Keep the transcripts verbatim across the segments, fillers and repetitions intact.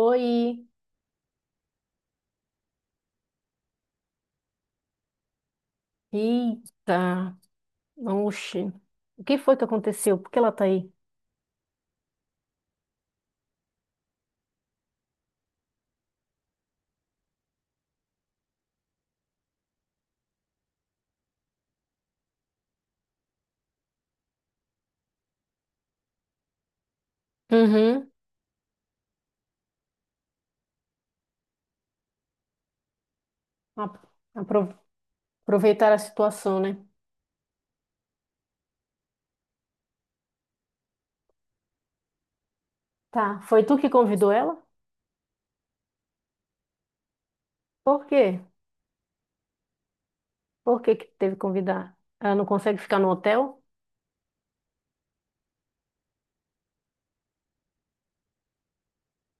Oi, eita, oxe, o que foi que aconteceu? Por que ela tá aí? Uhum. A- apro- Aproveitar a situação, né? Tá, foi tu que convidou ela? Por quê? Por que que teve que convidar? Ela não consegue ficar no hotel?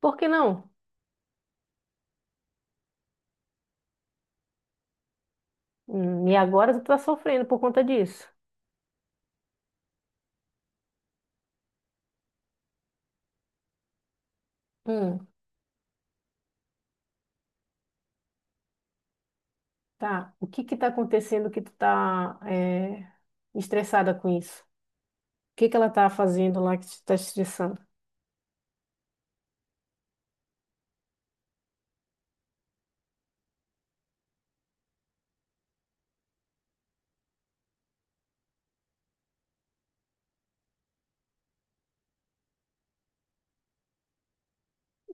Por que não? Hum, e agora tu tá sofrendo por conta disso. Hum, tá. O que que tá acontecendo que tu tá é, estressada com isso? O que que ela tá fazendo lá que te tá estressando?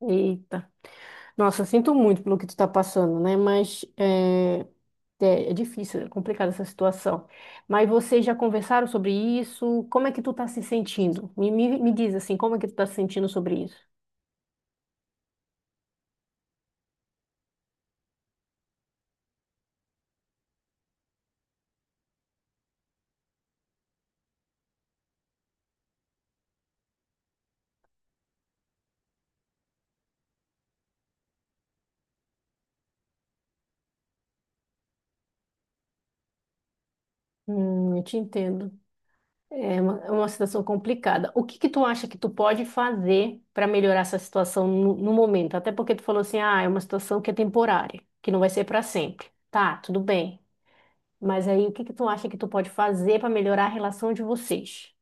Eita. Nossa, eu sinto muito pelo que tu tá passando, né? Mas é, É, é difícil, é complicada essa situação. Mas vocês já conversaram sobre isso? Como é que tu tá se sentindo? Me, me, me diz assim, como é que tu tá se sentindo sobre isso? Hum, eu te entendo. É uma, é uma situação complicada. O que que tu acha que tu pode fazer para melhorar essa situação no, no momento? Até porque tu falou assim, ah, é uma situação que é temporária, que não vai ser para sempre. Tá, tudo bem. Mas aí, o que que tu acha que tu pode fazer para melhorar a relação de vocês?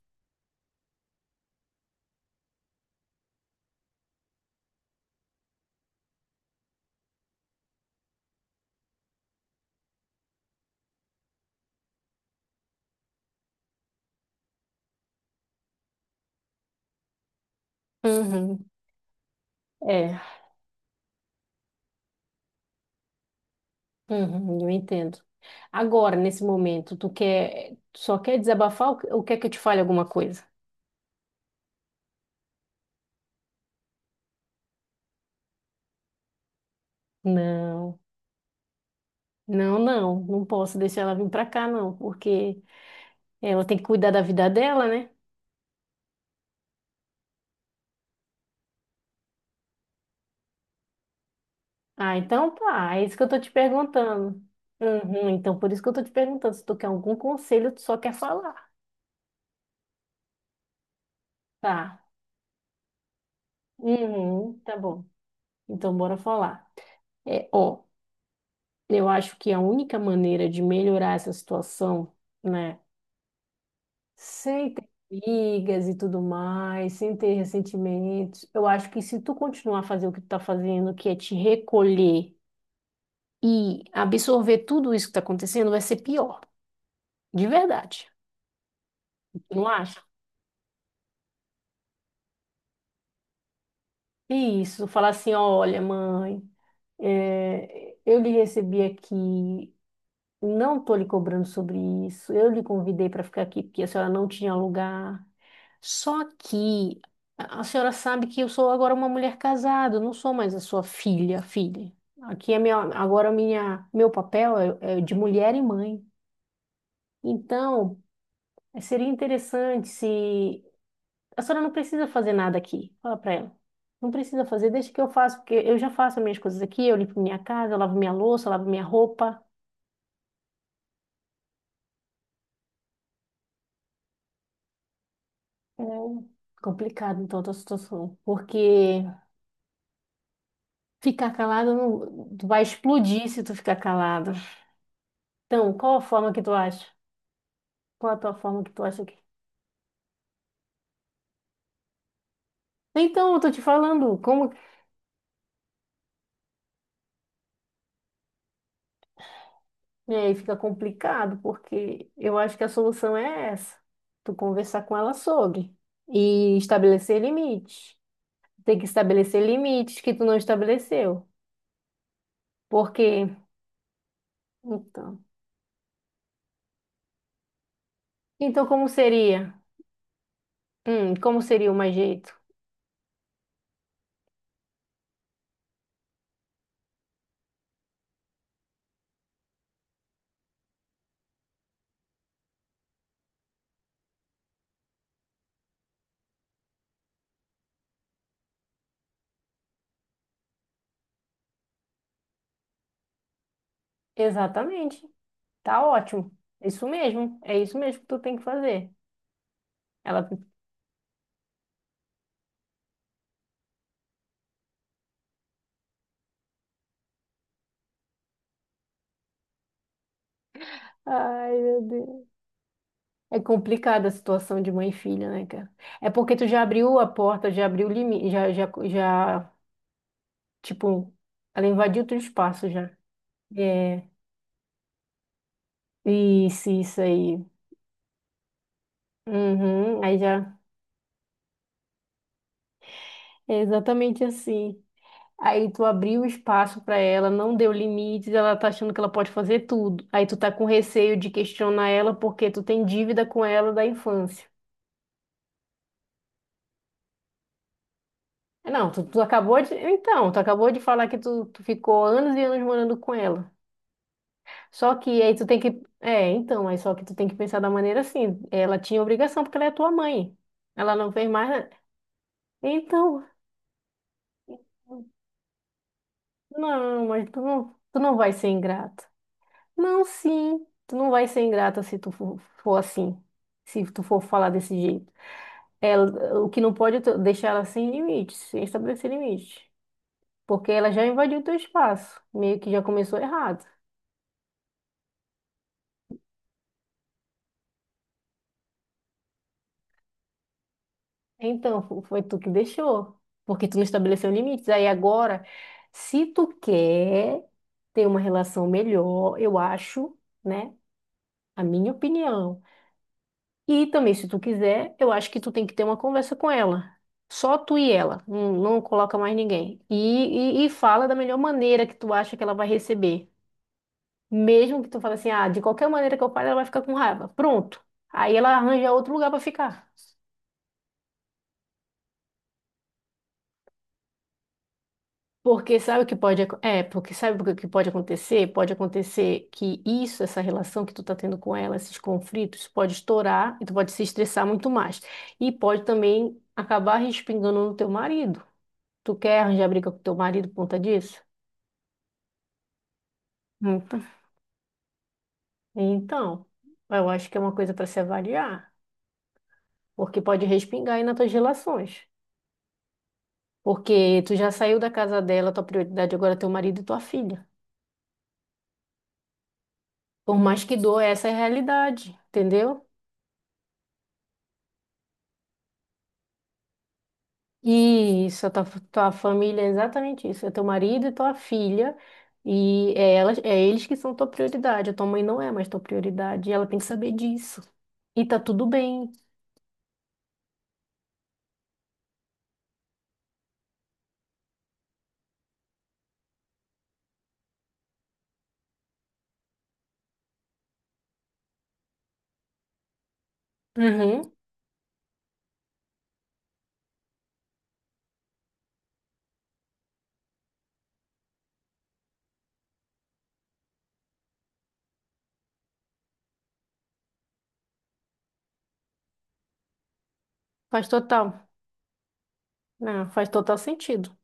Uhum, é, uhum, eu entendo. Agora, nesse momento, tu quer, tu só quer desabafar ou ou quer que eu te fale alguma coisa? Não, não, não, não posso deixar ela vir pra cá, não, porque ela tem que cuidar da vida dela, né? Ah, então tá, é isso que eu tô te perguntando. Uhum, então por isso que eu tô te perguntando, se tu quer algum conselho, tu só quer falar. Tá. Uhum, tá bom. Então bora falar. É, ó, eu acho que a única maneira de melhorar essa situação, né, sem ter brigas e tudo mais, sem ter ressentimentos, eu acho que se tu continuar a fazer o que tu tá fazendo, que é te recolher e absorver tudo isso que tá acontecendo, vai ser pior, de verdade. Não acha? E isso, falar assim, olha, mãe, é, eu lhe recebi aqui, não estou lhe cobrando sobre isso, eu lhe convidei para ficar aqui porque a senhora não tinha lugar. Só que a a senhora sabe que eu sou agora uma mulher casada, eu não sou mais a sua filha, filha. Aqui é minha, agora minha, meu papel é, é de mulher e mãe. Então, seria interessante se a senhora não precisa fazer nada aqui. Fala para ela. Não precisa fazer, deixa que eu faço, porque eu já faço as minhas coisas aqui, eu limpo minha casa, eu lavo minha louça, eu lavo minha roupa. É complicado, então, a tua situação. Porque ficar calado, não- tu vai explodir se tu ficar calado. Então, qual a forma que tu acha? Qual a tua forma que tu acha que... Então, eu tô te falando, como... é, E aí fica complicado, porque eu acho que a solução é essa. Tu conversar com ela sobre e estabelecer limites. Tem que estabelecer limites que tu não estabeleceu. Porque, então, então como seria? Hum, como seria o mais jeito? Exatamente. Tá ótimo. É isso mesmo. É isso mesmo que tu tem que fazer. Ela, ai, meu Deus. É complicada a situação de mãe e filha, né, cara? É porque tu já abriu a porta, já abriu o limite, já, já, já, tipo, ela invadiu teu espaço já. É, isso, isso aí. Uhum, aí já é exatamente assim. Aí tu abriu o espaço pra ela, não deu limites, ela tá achando que ela pode fazer tudo. Aí tu tá com receio de questionar ela porque tu tem dívida com ela da infância. É, Não, tu, tu acabou de. Então, tu acabou de falar que tu, tu ficou anos e anos morando com ela. Só que aí tu tem que. É, então, aí só que tu tem que pensar da maneira assim. Ela tinha obrigação porque ela é tua mãe. Ela não fez mais. na- Então, não, mas tu não, tu não vai ser ingrato. Não, sim. Tu não vai ser ingrata se tu for, for assim. Se tu for falar desse jeito. É, o que não pode é tu deixar ela sem limites, sem estabelecer limites. Porque ela já invadiu o teu espaço. Meio que já começou errado. Então, fo- foi tu que deixou. Porque tu não estabeleceu limites. Aí agora, se tu quer ter uma relação melhor, eu acho, né? A minha opinião. E também, se tu quiser, eu acho que tu tem que ter uma conversa com ela. Só tu e ela, não, não coloca mais ninguém. E, e, e fala da melhor maneira que tu acha que ela vai receber. Mesmo que tu fale assim, ah, de qualquer maneira que eu fale, ela vai ficar com raiva. Pronto. Aí ela arranja outro lugar para ficar. Porque sabe o que pode, acon- é, porque sabe o que pode acontecer? Pode acontecer que isso, essa relação que tu tá tendo com ela, esses conflitos, pode estourar e tu pode se estressar muito mais. E pode também acabar respingando no teu marido. Tu quer arranjar briga com teu marido por conta disso? Opa. Então, eu acho que é uma coisa para se avaliar, porque pode respingar aí nas tuas relações. Porque tu já saiu da casa dela, tua prioridade agora é teu marido e tua filha. Por mais que doa, essa é a realidade, entendeu? E isso, a tua, tua família é exatamente isso, é teu marido e tua filha, e é, elas, é eles que são tua prioridade, a tua mãe não é mais tua prioridade, e ela tem que saber disso. E tá tudo bem. Uhum, faz total. Não, faz total sentido.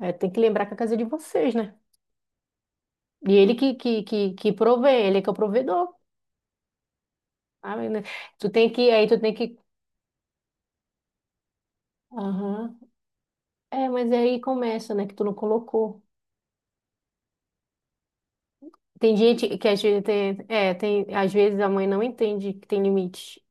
É, tem que lembrar que a casa é de vocês, né? E ele que, que, que, que provê, ele é que é o provedor. Sabe, né? Tu tem que, aí tu tem que. Aham. É, mas aí começa, né? Que tu não colocou. Tem gente que às vezes tem, é, tem, às vezes a mãe não entende que tem limite.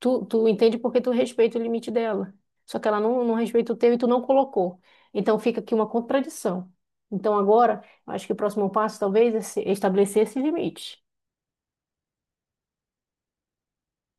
Tu, tu entende porque tu respeita o limite dela. Só que ela não, não respeita o teu e tu não colocou. Então fica aqui uma contradição. Então agora, eu acho que o próximo passo talvez é se- é estabelecer esse limite.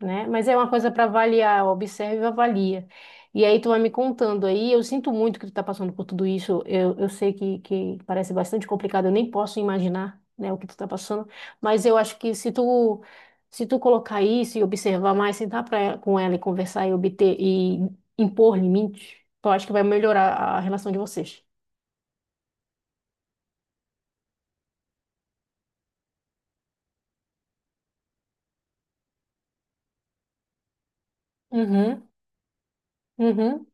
Né? Mas é uma coisa para avaliar, observa e avalia. E aí tu vai me contando aí, eu sinto muito que tu tá passando por tudo isso, eu, eu sei que, que parece bastante complicado, eu nem posso imaginar, né, o que tu tá passando, mas eu acho que se tu, se tu colocar isso e observar mais, sentar pra, ela- com ela e conversar e obter e impor limites, eu acho que vai melhorar a relação de vocês. Uhum, uhum,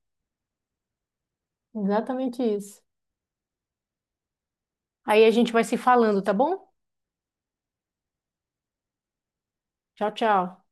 exatamente isso. Aí a gente vai se falando, tá bom? Tchau, tchau.